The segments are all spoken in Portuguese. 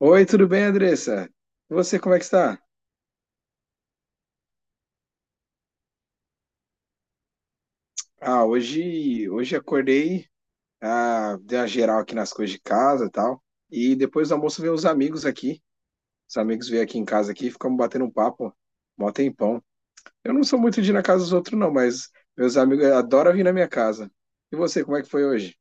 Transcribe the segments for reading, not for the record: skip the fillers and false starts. Oi, tudo bem, Andressa? E você, como é que está? Ah, hoje acordei, ah, dei uma geral aqui nas coisas de casa e tal. E depois do almoço veio os amigos aqui. Os amigos vieram aqui em casa aqui, ficamos batendo um papo, mó tempão. Eu não sou muito de ir na casa dos outros, não, mas meus amigos adoram vir na minha casa. E você, como é que foi hoje?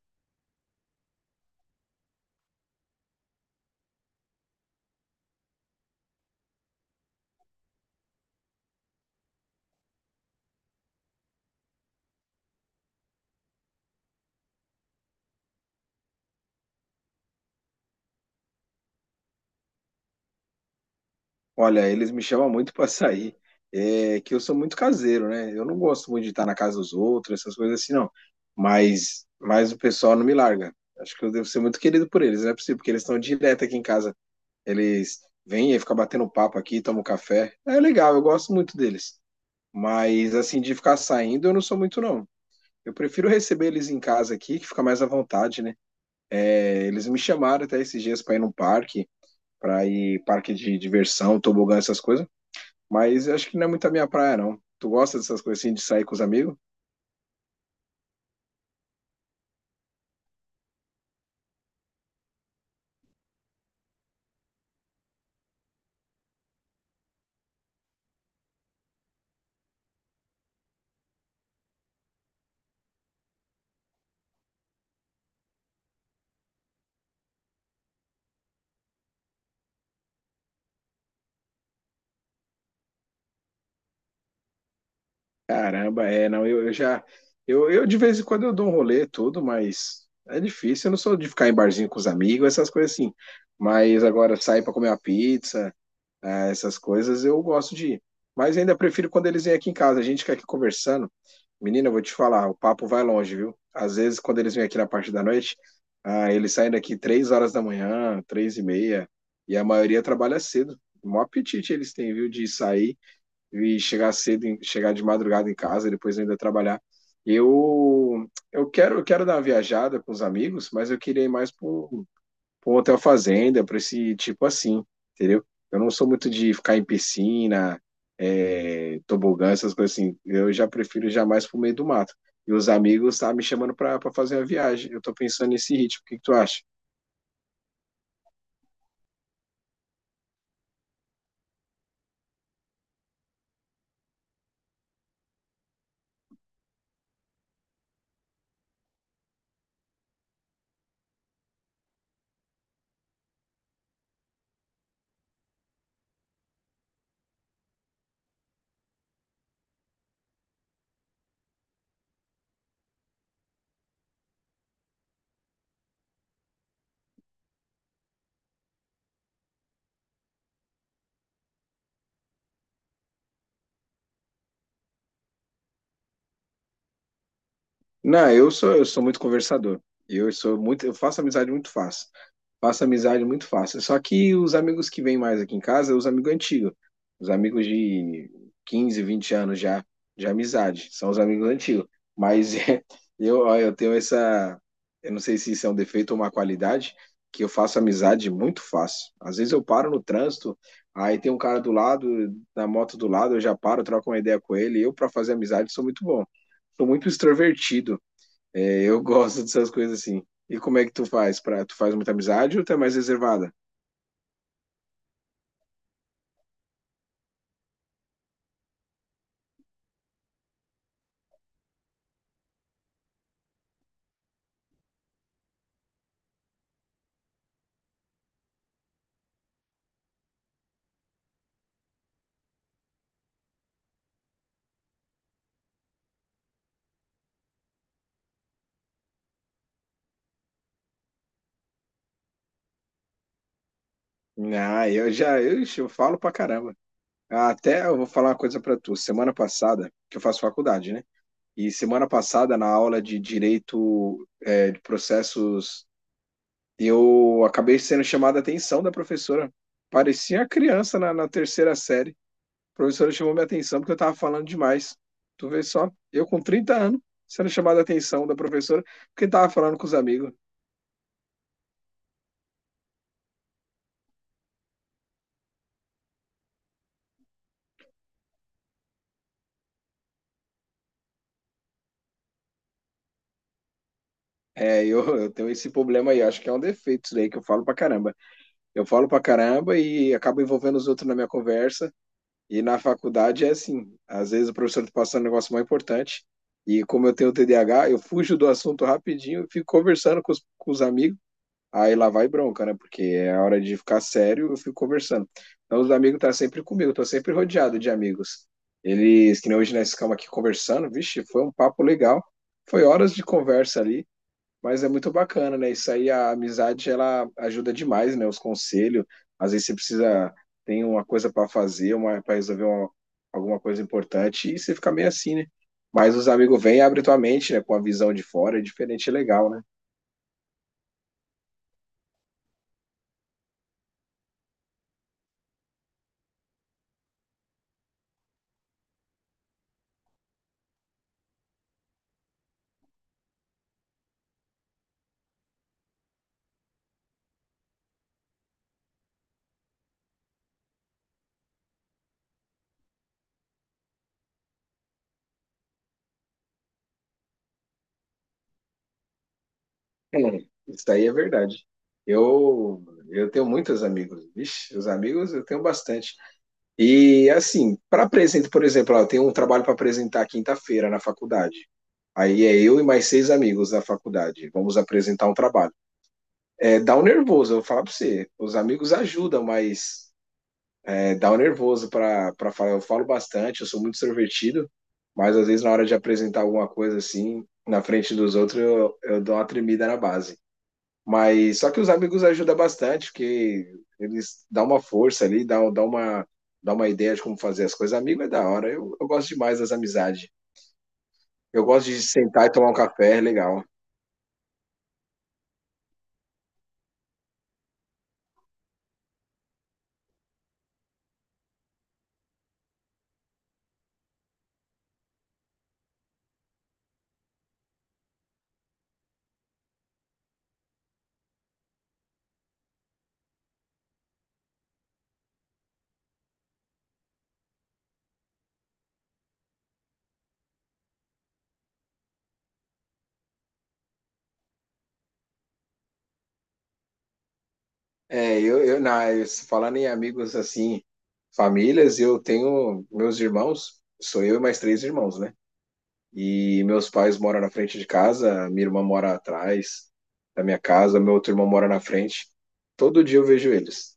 Olha, eles me chamam muito para sair, é, que eu sou muito caseiro, né? Eu não gosto muito de estar na casa dos outros, essas coisas assim, não. Mas o pessoal não me larga. Acho que eu devo ser muito querido por eles, não é possível, porque eles estão direto aqui em casa. Eles vêm e ficam batendo papo aqui, tomam café. É legal, eu gosto muito deles. Mas, assim, de ficar saindo, eu não sou muito, não. Eu prefiro receber eles em casa aqui, que fica mais à vontade, né? É, eles me chamaram até esses dias para ir num parque, para ir parque de diversão, tobogã, essas coisas. Mas eu acho que não é muito a minha praia, não. Tu gosta dessas coisas assim de sair com os amigos? Caramba, é, não, eu já. Eu de vez em quando eu dou um rolê, tudo, mas é difícil. Eu não sou de ficar em barzinho com os amigos, essas coisas assim. Mas agora sair pra comer uma pizza, essas coisas, eu gosto de ir. Mas ainda prefiro quando eles vêm aqui em casa. A gente fica aqui conversando. Menina, eu vou te falar, o papo vai longe, viu? Às vezes, quando eles vêm aqui na parte da noite, ah, eles saem daqui 3h da manhã, 3h30, e a maioria trabalha cedo. O maior apetite eles têm, viu, de sair e chegar cedo, chegar de madrugada em casa, depois ainda trabalhar. Eu quero dar uma viajada com os amigos, mas eu queria ir mais para um hotel fazenda, para esse tipo assim, entendeu? Eu não sou muito de ficar em piscina, é, tobogã, essas coisas assim. Eu já prefiro jamais pro meio do mato. E os amigos tá me chamando para fazer uma viagem. Eu tô pensando nesse ritmo. O que que tu acha? Não, eu sou muito conversador. Eu faço amizade muito fácil. Faço amizade muito fácil. Só que os amigos que vêm mais aqui em casa, os amigos antigos, os amigos de 15, 20 anos já de amizade, são os amigos antigos. Mas é, eu, ó, eu tenho essa, eu não sei se isso é um defeito ou uma qualidade, que eu faço amizade muito fácil. Às vezes eu paro no trânsito, aí tem um cara do lado, na moto do lado, eu já paro, troco uma ideia com ele. Eu para fazer amizade sou muito bom. Sou muito extrovertido. É, eu gosto dessas coisas assim. E como é que tu faz? Pra, tu faz muita amizade ou tu é mais reservada? Ah, eu já, eu, ixi, eu falo pra caramba. Ah, até eu vou falar uma coisa pra tu. Semana passada, que eu faço faculdade, né? E semana passada, na aula de direito, é, de processos, eu acabei sendo chamada a atenção da professora. Parecia criança na terceira série. A professora chamou minha atenção porque eu tava falando demais. Tu vê só, eu com 30 anos, sendo chamada a atenção da professora, porque tava falando com os amigos. É, eu tenho esse problema aí, acho que é um defeito isso daí que eu falo pra caramba. Eu falo pra caramba e acabo envolvendo os outros na minha conversa. E na faculdade é assim, às vezes o professor tá passando um negócio mais importante e como eu tenho TDAH, eu fujo do assunto rapidinho e fico conversando com os amigos. Aí lá vai bronca, né? Porque é a hora de ficar sério, eu fico conversando. Então os amigos tá sempre comigo, tô sempre rodeado de amigos. Eles, que nem hoje nós ficamos aqui conversando, vixe, foi um papo legal. Foi horas de conversa ali, mas é muito bacana, né? Isso aí, a amizade, ela ajuda demais, né? Os conselhos. Às vezes você precisa, tem uma coisa para fazer, uma para resolver alguma coisa importante, e você fica meio assim, né? Mas os amigos vêm e abrem tua mente, né? Com a visão de fora, é diferente e legal, né? É, isso aí é verdade. Eu, eu tenho muitos amigos. Vixe, os amigos eu tenho bastante. E assim, para apresentar, por exemplo, eu tenho um trabalho para apresentar quinta-feira na faculdade. Aí é eu e mais seis amigos da faculdade. Vamos apresentar um trabalho. É, dá um nervoso, eu vou falar para você. Os amigos ajudam, mas é, dá um nervoso para falar. Eu falo bastante, eu sou muito extrovertido, mas às vezes na hora de apresentar alguma coisa assim, na frente dos outros, eu dou uma tremida na base. Mas só que os amigos ajudam bastante, porque eles dão uma força ali, dão uma ideia de como fazer as coisas. Amigo é da hora, eu gosto demais das amizades. Eu gosto de sentar e tomar um café, é legal. É, eu se falar em amigos assim, famílias, eu tenho meus irmãos, sou eu e mais três irmãos, né? E meus pais moram na frente de casa, minha irmã mora atrás da minha casa, meu outro irmão mora na frente. Todo dia eu vejo eles.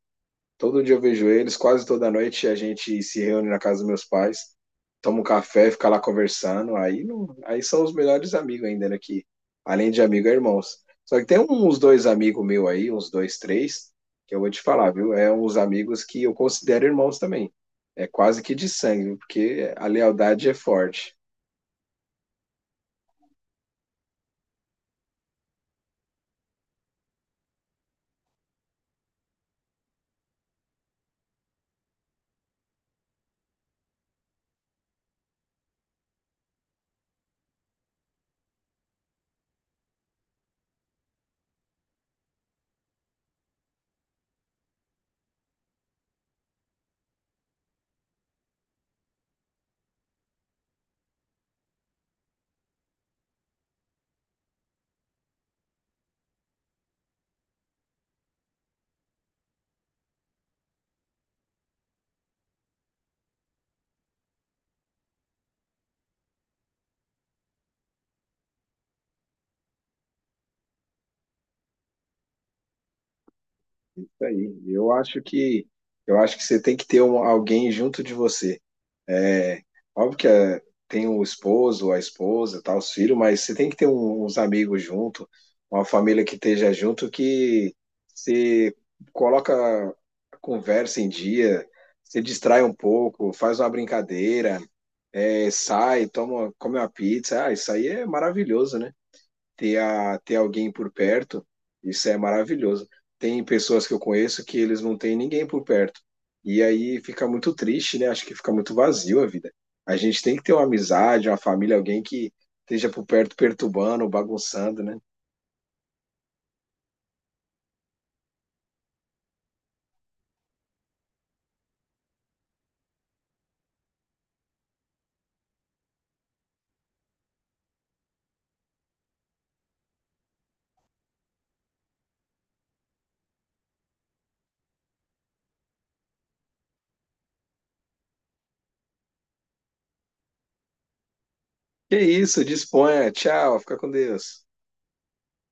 Todo dia eu vejo eles, quase toda noite a gente se reúne na casa dos meus pais, toma um café, fica lá conversando. Aí, não- aí são os melhores amigos ainda, né? Que, além de amigo, é irmãos. Só que tem um, uns dois amigos meus aí, uns dois, três, que eu vou te falar, viu? É uns amigos que eu considero irmãos também. É quase que de sangue, viu? Porque a lealdade é forte. Isso aí. Eu acho que você tem que ter alguém junto de você. É, óbvio que é, tem o esposo, a esposa, tá, os filhos, mas você tem que ter uns amigos junto, uma família que esteja junto, que se coloca a conversa em dia, se distrai um pouco, faz uma brincadeira, é, sai, toma, come uma pizza. Ah, isso aí é maravilhoso, né? Ter alguém por perto, isso é maravilhoso. Tem pessoas que eu conheço que eles não têm ninguém por perto. E aí fica muito triste, né? Acho que fica muito vazio a vida. A gente tem que ter uma amizade, uma família, alguém que esteja por perto perturbando, bagunçando, né? Que isso, disponha. Tchau, fica com Deus.